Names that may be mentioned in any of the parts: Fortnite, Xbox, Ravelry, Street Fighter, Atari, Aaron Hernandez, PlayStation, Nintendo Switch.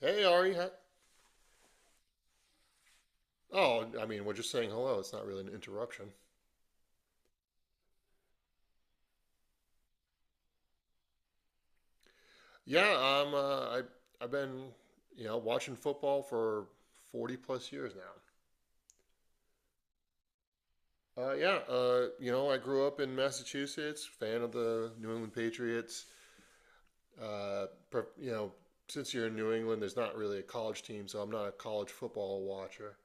Hey, Ari. Hi. Oh, I mean, we're just saying hello. It's not really an interruption. Yeah. I've been watching football for 40 plus years now. Yeah, you know, I grew up in Massachusetts, fan of the New England Patriots. Uh, pre- you know, since you're in New England, there's not really a college team, so I'm not a college football watcher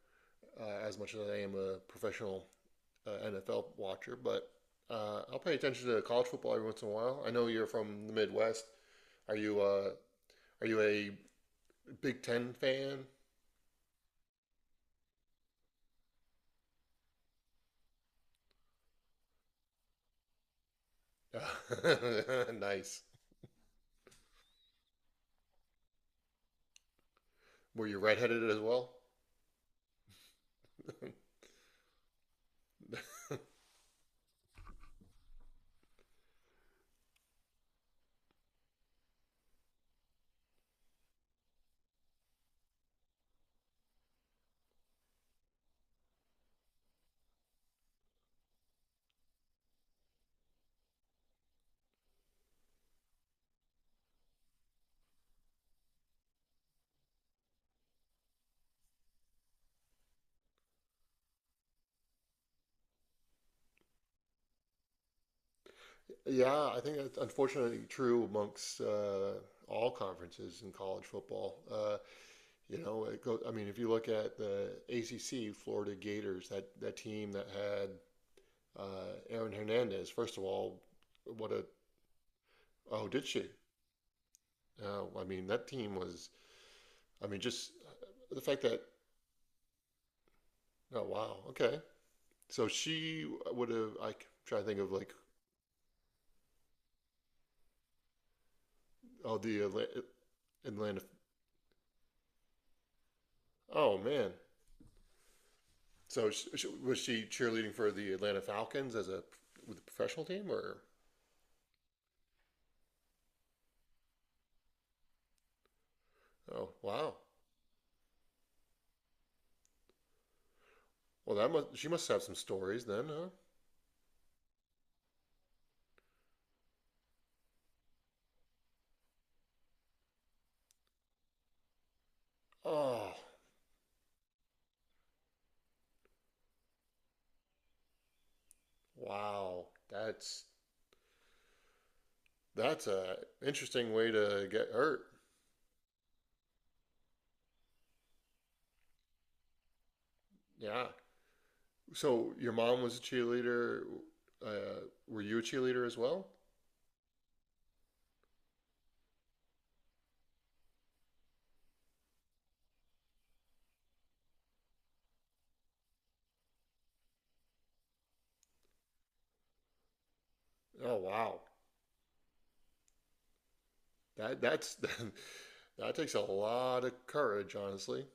as much as I am a professional NFL watcher. But I'll pay attention to college football every once in a while. I know you're from the Midwest. Are you uh, Are you a Big Ten fan? Nice. Were you redheaded as well? Yeah, I think that's unfortunately true amongst all conferences in college football. You know, it goes, I mean, if you look at the ACC, Florida Gators, that team that had uh, Aaron Hernandez, first of all, what a, oh, did she? No, I mean, that team was, I mean, just the fact that, oh, wow, okay. So she would have. I try to think of like. Oh, the Atlanta. Oh man. So was she cheerleading for the Atlanta Falcons as a with a professional team or? Oh wow. Well, that must she must have some stories then, huh? Oh wow. That's a interesting way to get hurt. Yeah. So your mom was a cheerleader. Uh, were you a cheerleader as well? Oh wow. That that's that takes a lot of courage, honestly.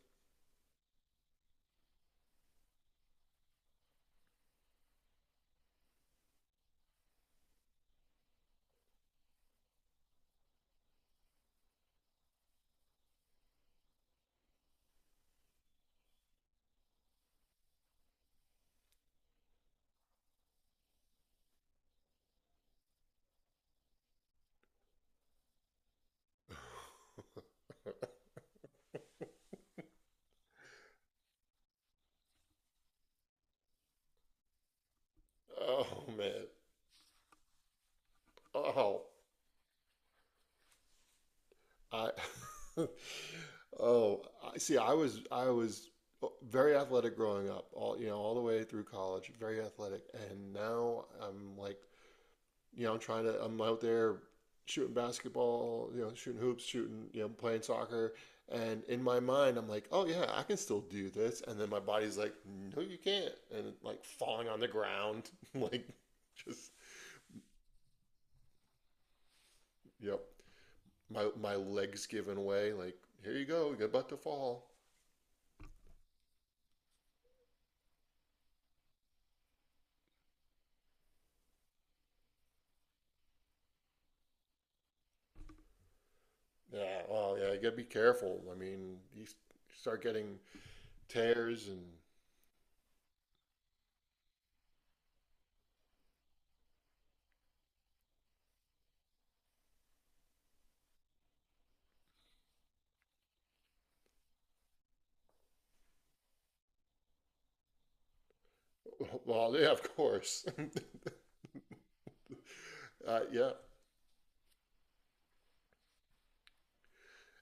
Oh man. Oh, I oh, I see. I was very athletic growing up, all all the way through college, very athletic. And now I'm like, I'm trying to I'm out there shooting basketball, shooting hoops, shooting, playing soccer. And in my mind, I'm like, oh yeah, I can still do this. And then my body's like, no, you can't. And like falling on the ground, like just, yep. My legs giving way. Like here you go, you're about to fall. Yeah, well, yeah, you gotta be careful. I mean, start getting tears and well, yeah, of course. Uh, yeah,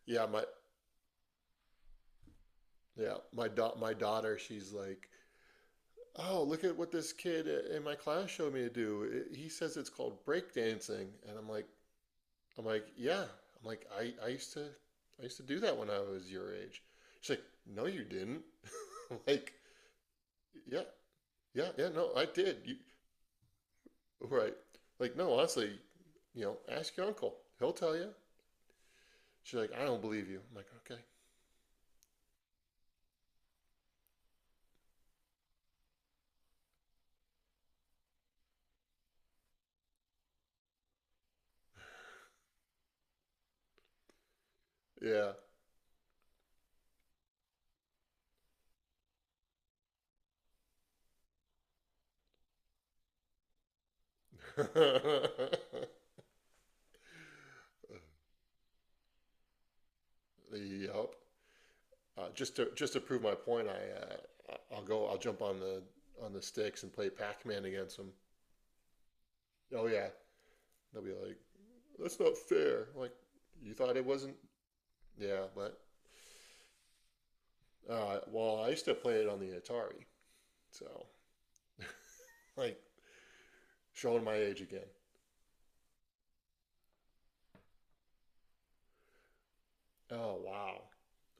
yeah, my yeah, my daughter, she's like, oh, look at what this kid in my class showed me to do. He says it's called break dancing, and I'm like, yeah, I'm like, I used to do that when I was your age. She's like, no, you didn't. I'm like, yeah, yeah, no, I did. You Right. Like, no, honestly, you know, ask your uncle. He'll tell you. She's like, I don't believe you. I'm like, okay. Yeah. yep. Just to prove my point, will go. I'll jump on the sticks and play Pac-Man against them. Oh yeah. They'll be like, that's not fair. I'm like, you thought it wasn't? Yeah, but well, I used to play it on the Atari. So like showing my age again. Oh wow.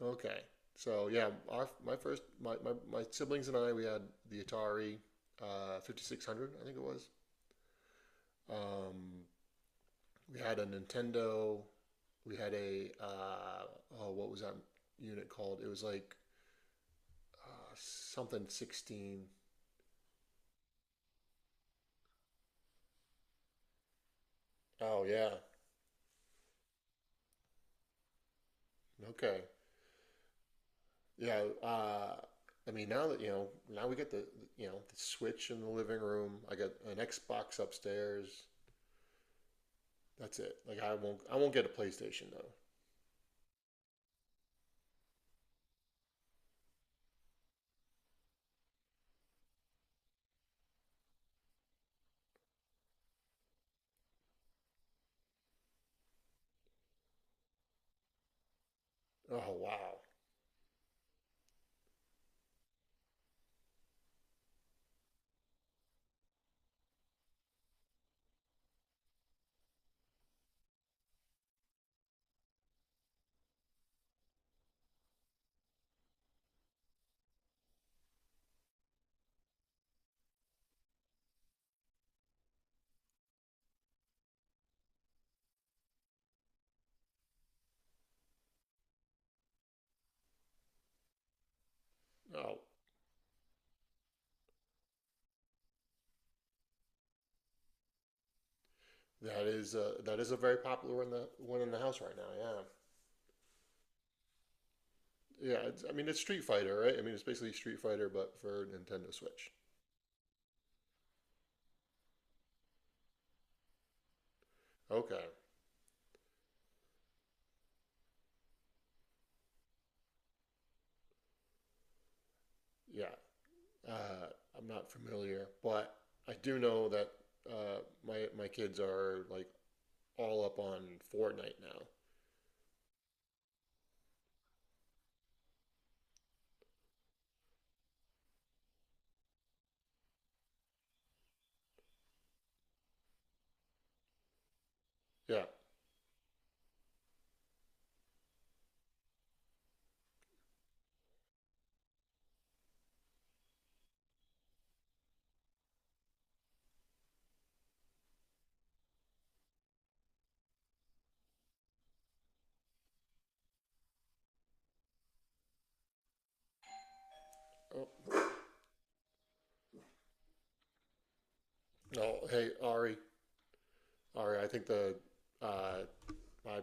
Okay. So yeah, our my first my, my, my siblings and I we had the Atari 5600 I think it was. Um, we had a Nintendo. We had a oh what was that unit called? It was like something 16. Oh yeah. Okay. Yeah. I mean now that now we get you know the Switch in the living room. I got an Xbox upstairs. That's it. Like I won't get a PlayStation though. Oh wow. Oh, that is a very popular one in the house right now. Yeah. Yeah, it's, I mean it's Street Fighter, right? I mean it's basically Street Fighter but for Nintendo Switch. Okay. Yeah. Uh, I'm not familiar, but I do know that uh, my my kids are like all up on Fortnite now. Yeah. Oh, no. Hey, Ari. Ari, I think the uh, my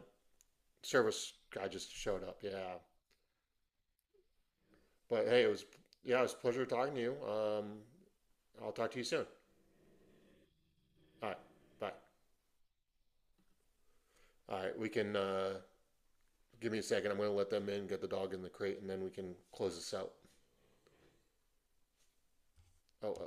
service guy just showed up. Yeah. But hey, it was yeah, it was a pleasure talking to you. I'll talk to you soon. All right, bye. All right, we can give me a second. I'm going to let them in, get the dog in the crate, and then we can close this out. Oh,